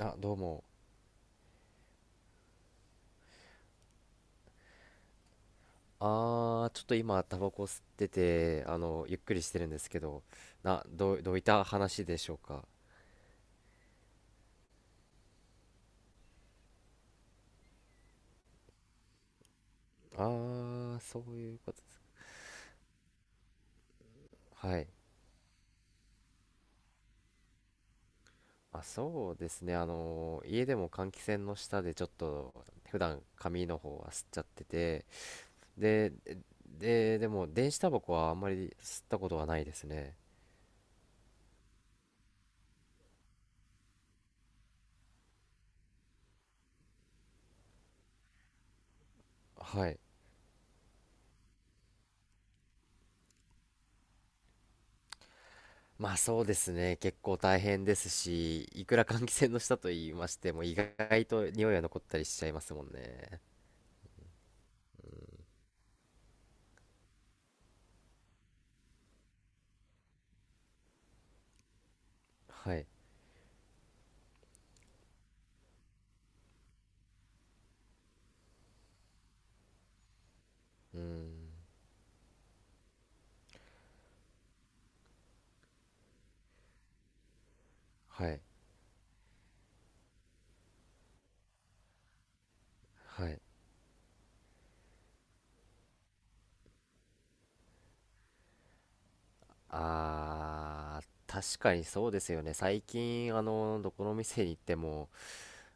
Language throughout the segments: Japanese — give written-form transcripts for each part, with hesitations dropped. あ、どうも。ちょっと今、タバコ吸ってて、ゆっくりしてるんですけど、な、どう、どういった話でしょうか。あそういうことです。はい。あ、そうですね。家でも換気扇の下でちょっと、普段紙の方は吸っちゃってて、で、でも、電子タバコはあんまり吸ったことはないですね。はい。まあ、そうですね。結構大変ですし、いくら換気扇の下と言いましても、意外と匂いは残ったりしちゃいますもんね。はい。うーん。はい。はい。あー、確かにそうですよね。最近、どこの店に行っても、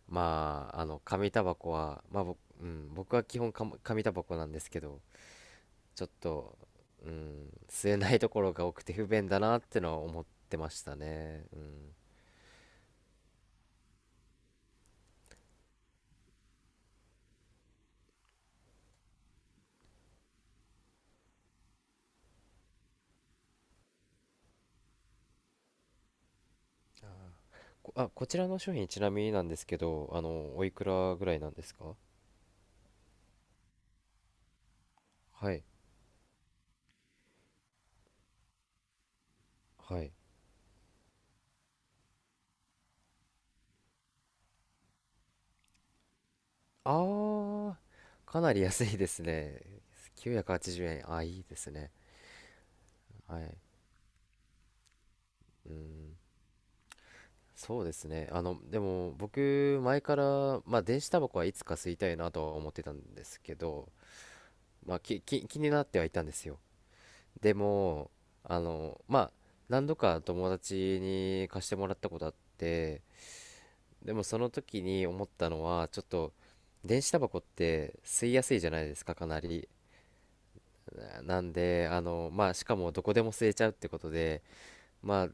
まあ、紙タバコは、まあ、僕、うん、僕は基本か紙タバコなんですけど、ちょっと、うん、吸えないところが多くて不便だなってのは思ってましたね。うん。こちらの商品ちなみになんですけど、おいくらぐらいなんですか？はい。はい。あー、かなり安いですね。980円。あ、いいですね。はい。うん。そうですね。でも僕、前から、まあ、電子タバコはいつか吸いたいなとは思ってたんですけど、まあ、気になってはいたんですよ。でも、まあ、何度か友達に貸してもらったことあって、でもその時に思ったのは、ちょっと、電子タバコって吸いやすいじゃないですか、かなり。なんで、まあ、しかもどこでも吸えちゃうってことで、まあ、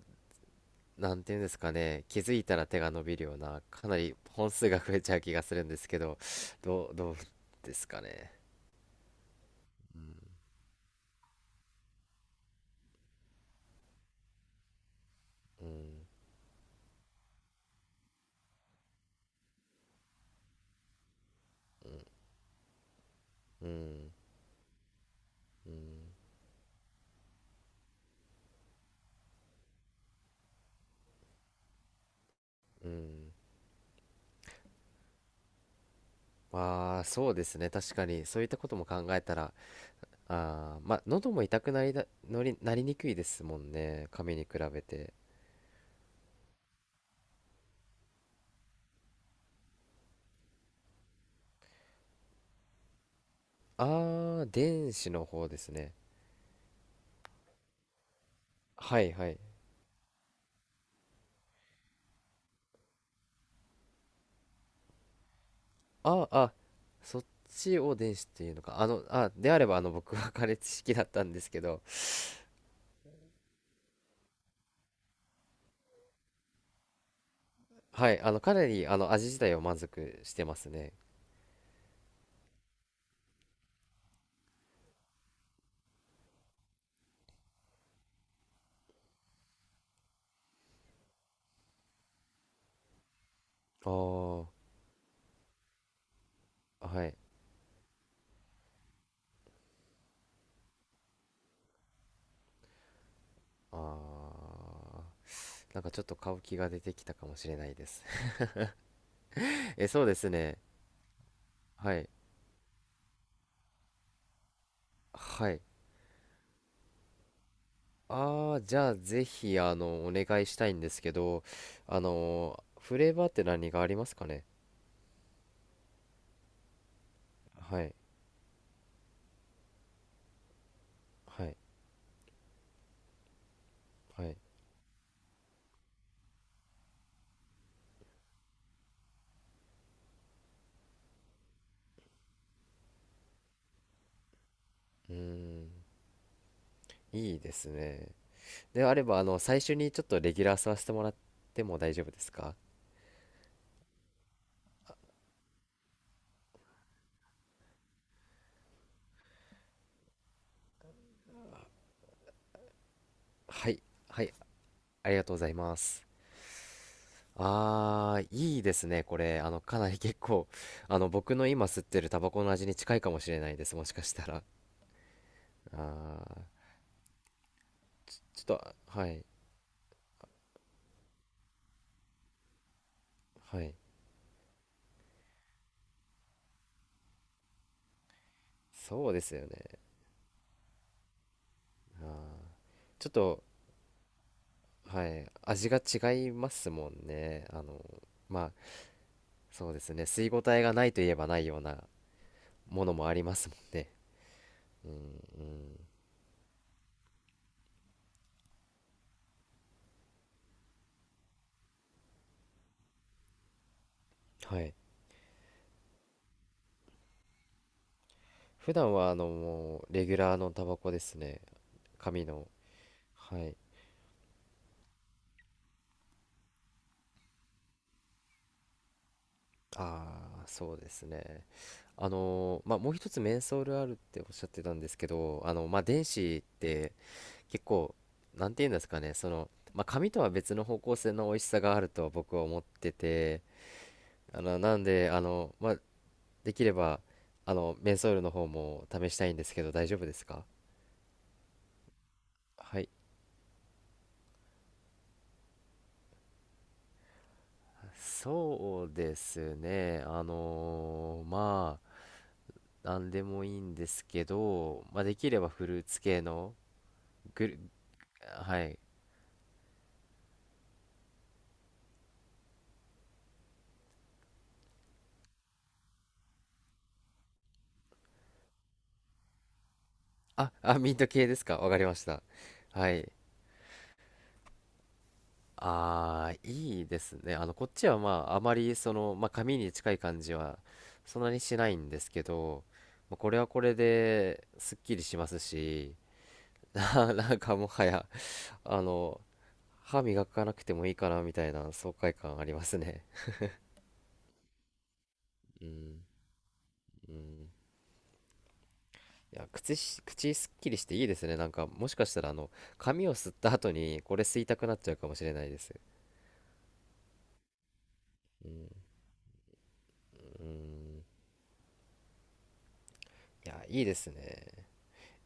なんていうんですかね、気づいたら手が伸びるような、かなり本数が増えちゃう気がするんですけど、どうですかね。うんうん、うん、うん、うん。まあ、そうですね、確かに、そういったことも考えたら、まあ、喉も痛くなりだ、のり、なりにくいですもんね、紙に比べて。あー、電子の方ですね。はい、はい。ああ、そっちを電子っていうのか。であれば、僕は カレ式だったんですけど。はい、かなり、味自体は満足してますね。ああ。はい。ああ、なんかちょっと買う気が出てきたかもしれないです。 そうですね。はい、はい。ああ、じゃあぜひお願いしたいんですけど、フレーバーって何がありますかね？はい、はい、はい。うーん、いいですね。であれば、最初にちょっとレギュラーさせてもらっても大丈夫ですか？はい、はい、ありがとうございます。あー、いいですね、これ。かなり結構、僕の今吸ってるタバコの味に近いかもしれないです、もしかしたら。あー、ちょっと、はい、はい。そうですよね。ちょっと、はい、味が違いますもんね。まあ、そうですね、吸い応えがないといえばないようなものもありますもんね。はい。普段はもうレギュラーのタバコですね。紙の。はい。ああ、そうですね。まあ、もう一つメンソールあるっておっしゃってたんですけど、まあ電子って、結構なんて言うんですかね、そのまあ紙とは別の方向性の美味しさがあるとは僕は思ってて、なんで、まあ、できればメンソールの方も試したいんですけど大丈夫ですか？はい。そうですね。まあ、なんでもいいんですけど、まあ、できればフルーツ系の、グル、はい。あ、あ、ミント系ですか。わかりました。はい。ああ、いいですね。こっちはまあ、あまりその、まあ、紙に近い感じは、そんなにしないんですけど、まあこれはこれで、すっきりしますし、なんかもはや、あの、歯磨かなくてもいいかな、みたいな爽快感ありますね。うん、うん。いや、口すっきりしていいですね。なんか、もしかしたら、髪を吸った後に、これ吸いたくなっちゃうかもしれないです。うん、うん。いや、いいですね。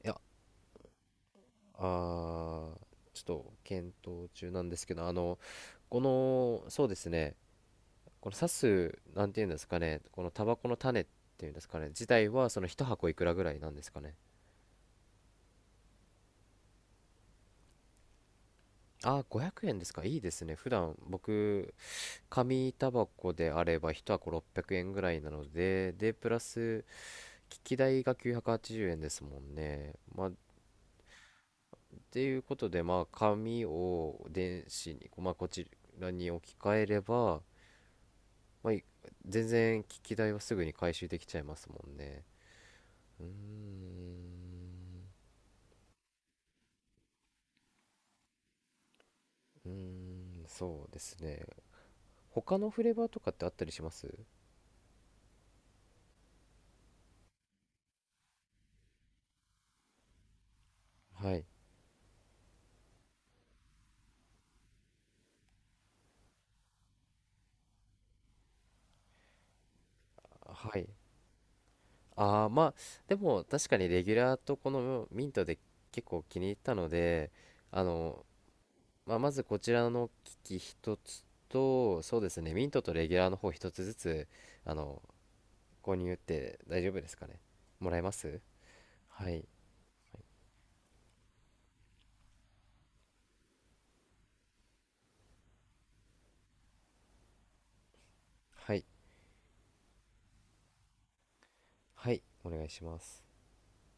いや、あー、ちょっと検討中なんですけど、この、そうですね、この刺す、なんていうんですかね、このタバコの種っていうんですかね、自体は、その一箱いくらぐらいなんですかね。あー、500円ですか。いいですね。普段、僕、紙タバコであれば、一箱600円ぐらいなので、で、プラス、機器代が980円ですもんね。まあ、っていうことで、まあ、紙を電子に、まあ、こちらに置き換えれば、まあ、全然機器代はすぐに回収できちゃいますもんね。うーん、うーん、そうですね。他のフレーバーとかってあったりします？はい。はい。ああ、まあ、でも確かにレギュラーとこのミントで結構気に入ったので、あの、まあ、まずこちらの機器一つと、そうですね、ミントとレギュラーの方一つずつ、あの、購入って大丈夫ですかね？もらえます？はい。はい。はい。お願いします。